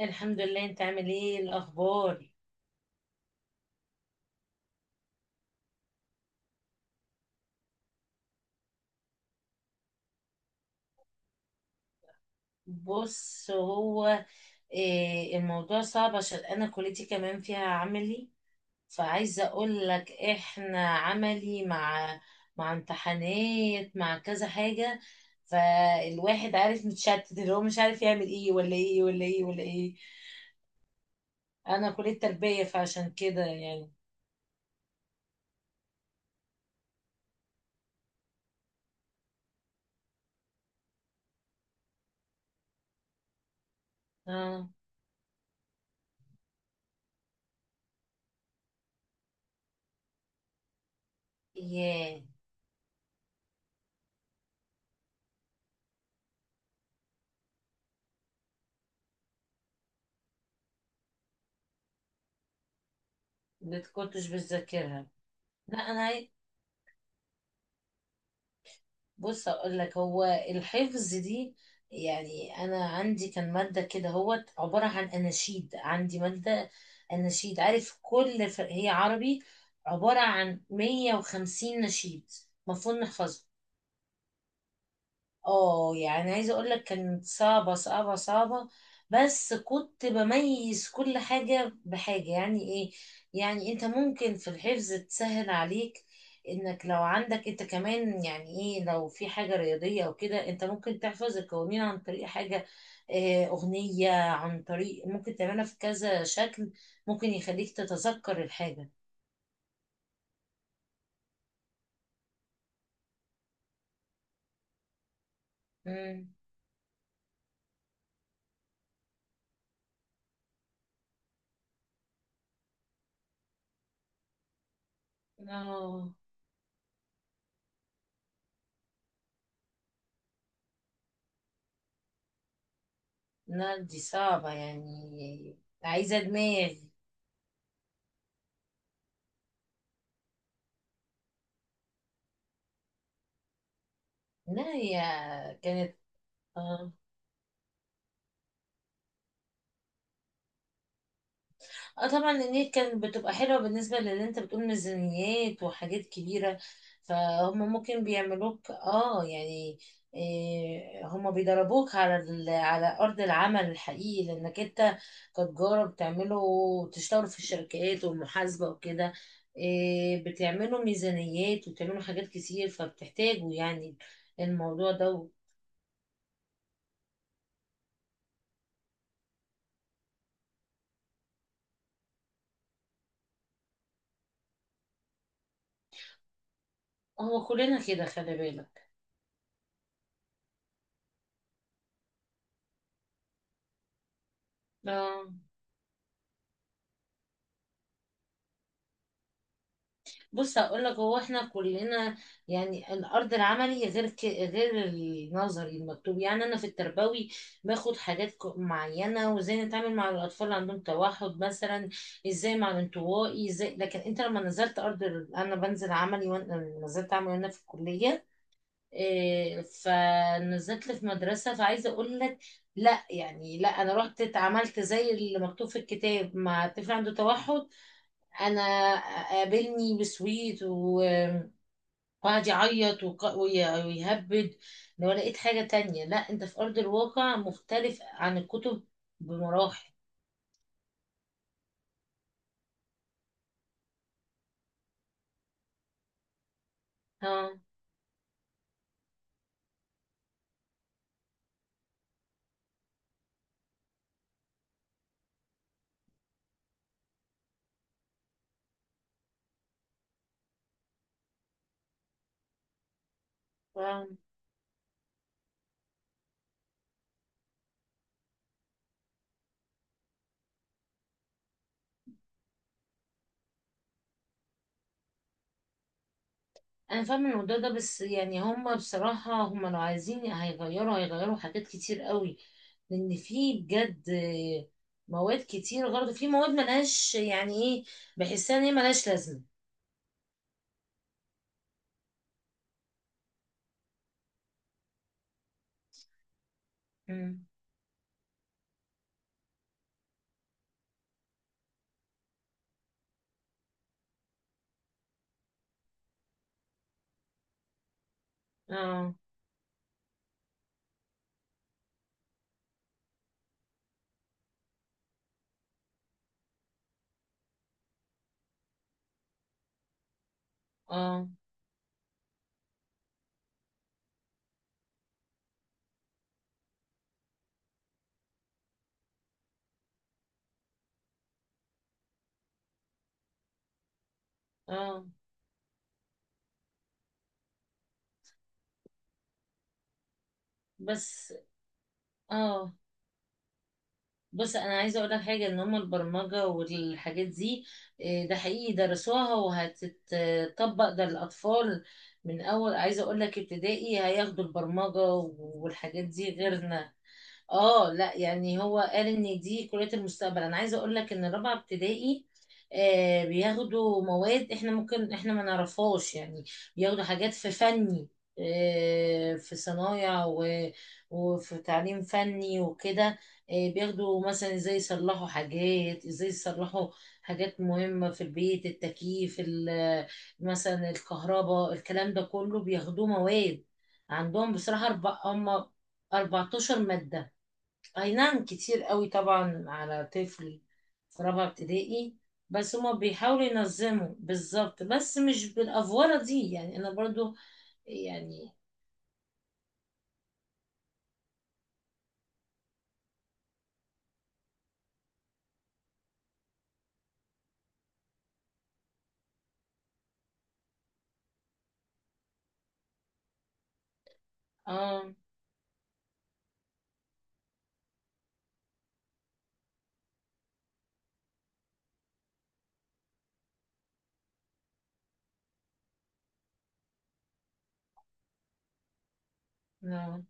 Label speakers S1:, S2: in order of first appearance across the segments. S1: الحمد لله، انت عامل ايه الاخبار؟ بص، هو إيه؟ الموضوع صعب عشان انا كليتي كمان فيها عملي. فعايزه اقول لك احنا عملي مع امتحانات، مع كذا حاجه. فالواحد عارف متشتت، اللي هو مش عارف يعمل ايه ولا ايه ولا ايه ولا ايه. انا كليه تربيه فعشان كده يعني. اه. ياه. ما كنتش بتذاكرها؟ لا انا. بص اقول لك، هو الحفظ دي يعني انا عندي كان ماده كده هو عباره عن اناشيد. عندي ماده اناشيد، عارف؟ هي عربي، عباره عن 150 نشيد المفروض نحفظه. اه، يعني عايزة اقول لك كانت صعبة صعبة صعبة. بس كنت بميز كل حاجة بحاجة. يعني ايه؟ يعني انت ممكن في الحفظ تسهل عليك انك لو عندك انت كمان، يعني ايه، لو في حاجة رياضية او كده انت ممكن تحفظ القوانين عن طريق حاجة. اغنية، عن طريق ممكن تعملها في كذا شكل، ممكن يخليك تتذكر الحاجة. امم اه. لا دي صعبة، يعني عايزة دماغ. لا هي كانت، اه، آه طبعا النيل كانت بتبقى حلوة. بالنسبة للي انت بتقول ميزانيات وحاجات كبيرة، فهم ممكن بيعملوك، اه يعني، إيه، هم بيدربوك على على أرض العمل الحقيقي، لأنك انت كتجارة بتعملوا، بتشتغلوا في الشركات والمحاسبة وكده. إيه، بتعملوا ميزانيات وبتعملوا حاجات كتير، فبتحتاجوا يعني الموضوع ده. هو كلنا كده، خلي بالك. اه. بص هقول لك، هو احنا كلنا، يعني الارض العملي غير غير النظري المكتوب. يعني انا في التربوي باخد حاجات معينه وازاي نتعامل مع الاطفال اللي عندهم توحد مثلا، ازاي مع الانطوائي ازاي. لكن انت لما نزلت ارض انا بنزل عملي وانا نزلت عملي وانا في الكليه. إيه، فنزلت في مدرسه، فعايزه اقول لك، لا يعني لا، انا رحت اتعاملت زي اللي مكتوب في الكتاب مع طفل عنده توحد. انا قابلني بسويت وقعد يعيط ويهبد. لو لقيت حاجة تانية. لا، انت في ارض الواقع مختلف عن الكتب بمراحل. ها. ها. انا فاهمة الموضوع ده، بس يعني هما بصراحة هما لو عايزين هيغيروا، هيغيروا حاجات كتير قوي. لان في بجد مواد كتير غلط، في مواد ملهاش يعني ايه، بحسها ان هي ملهاش لازمة. مم. اه. اه. اه. بس. اه. بص انا عايزه اقول لك حاجه، ان هم البرمجه والحاجات دي، إيه، ده حقيقي درسوها وهتتطبق ده للاطفال من اول، عايزه اقول لك ابتدائي هياخدوا البرمجه والحاجات دي غيرنا. اه لا، يعني هو قال ان دي كلية المستقبل. انا عايزة اقول لك ان رابعة ابتدائي آه بياخدوا مواد احنا ممكن احنا ما نعرفهاش يعني. بياخدوا حاجات في فني، آه في صنايع وفي تعليم فني وكده. آه بياخدوا مثلا ازاي يصلحوا حاجات، ازاي يصلحوا حاجات مهمة في البيت، التكييف مثلا الكهرباء، الكلام ده كله بياخدوه مواد. عندهم بصراحة أربع، هم 14 مادة. اي نعم، كتير قوي طبعا على طفل في رابعة ابتدائي. بس هما بيحاولوا ينظموا بالظبط، بس مش بالافوره دي. يعني انا برضو يعني اه آه.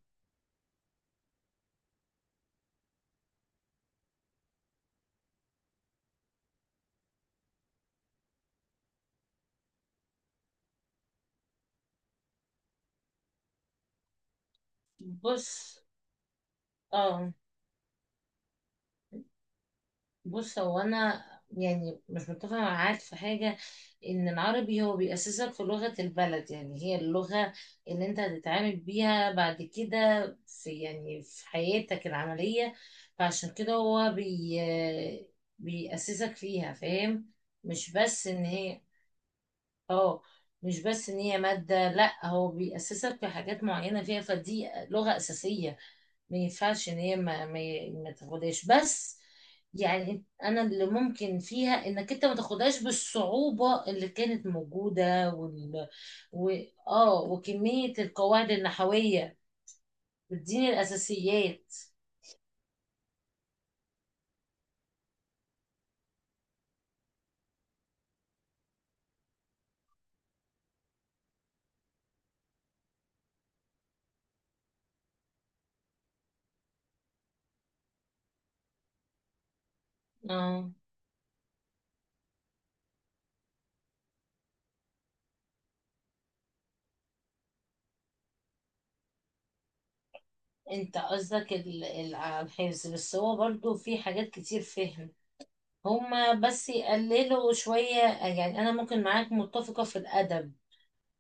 S1: بص. اه بص هو انا يعني مش متفقه معاك في حاجه، ان العربي هو بيأسسك في لغه البلد. يعني هي اللغه اللي انت هتتعامل بيها بعد كده في يعني في حياتك العمليه، فعشان كده هو بي بيأسسك فيها، فاهم؟ مش بس ان هي، اه، مش بس ان هي ماده، لا هو بيأسسك في حاجات معينه فيها، فدي لغه اساسيه. ما ينفعش ان هي ما تاخدهاش بس. يعني انا اللي ممكن فيها انك انت ما تاخدهاش بالصعوبة اللي كانت موجودة وال، و... اه وكمية القواعد النحوية، بتديني الاساسيات. اه انت قصدك على الحفظ، بس هو برضو في حاجات كتير فهم. هما بس يقللوا شوية. يعني انا ممكن معاك متفقة في الادب،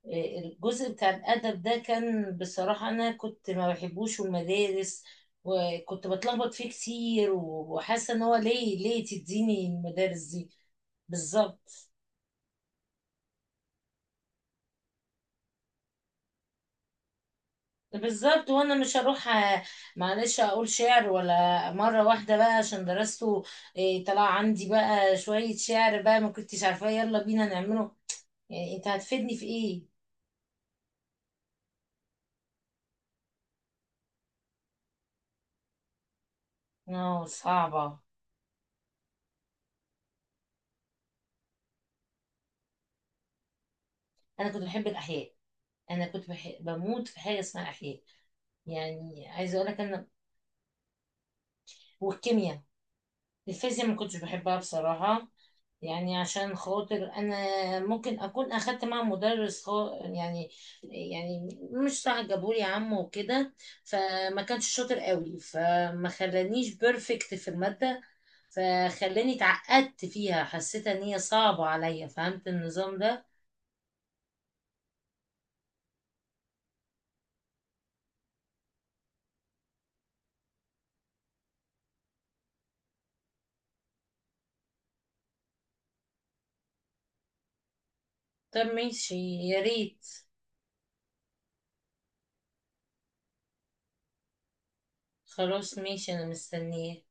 S1: الجزء بتاع الأدب ده كان بصراحة. أنا كنت ما بحبوش المدارس وكنت بتلخبط فيه كتير وحاسة إن هو ليه، ليه تديني المدارس دي؟ بالظبط. بالظبط. وانا مش هروح، آه، معلش اقول شعر ولا مره واحده بقى عشان درسته. إيه، طلع عندي بقى شويه شعر بقى ما كنتش عارفاه يلا بينا نعمله. يعني انت هتفيدني في ايه؟ اه صعبه. انا كنت بحب الاحياء، انا بموت في حاجه اسمها احياء. يعني عايزه اقول لك انا والكيمياء. الفيزياء ما كنتش بحبها بصراحه، يعني عشان خاطر انا ممكن اكون اخدت مع مدرس يعني، يعني مش صح، جابولي عم وكده، فما كانش شاطر قوي، فما خلانيش بيرفكت في الماده، فخلاني اتعقدت فيها، حسيت ان هي صعبه عليا، فهمت النظام ده؟ طب ماشي، يا ريت. خلاص ماشي، انا مستنيه.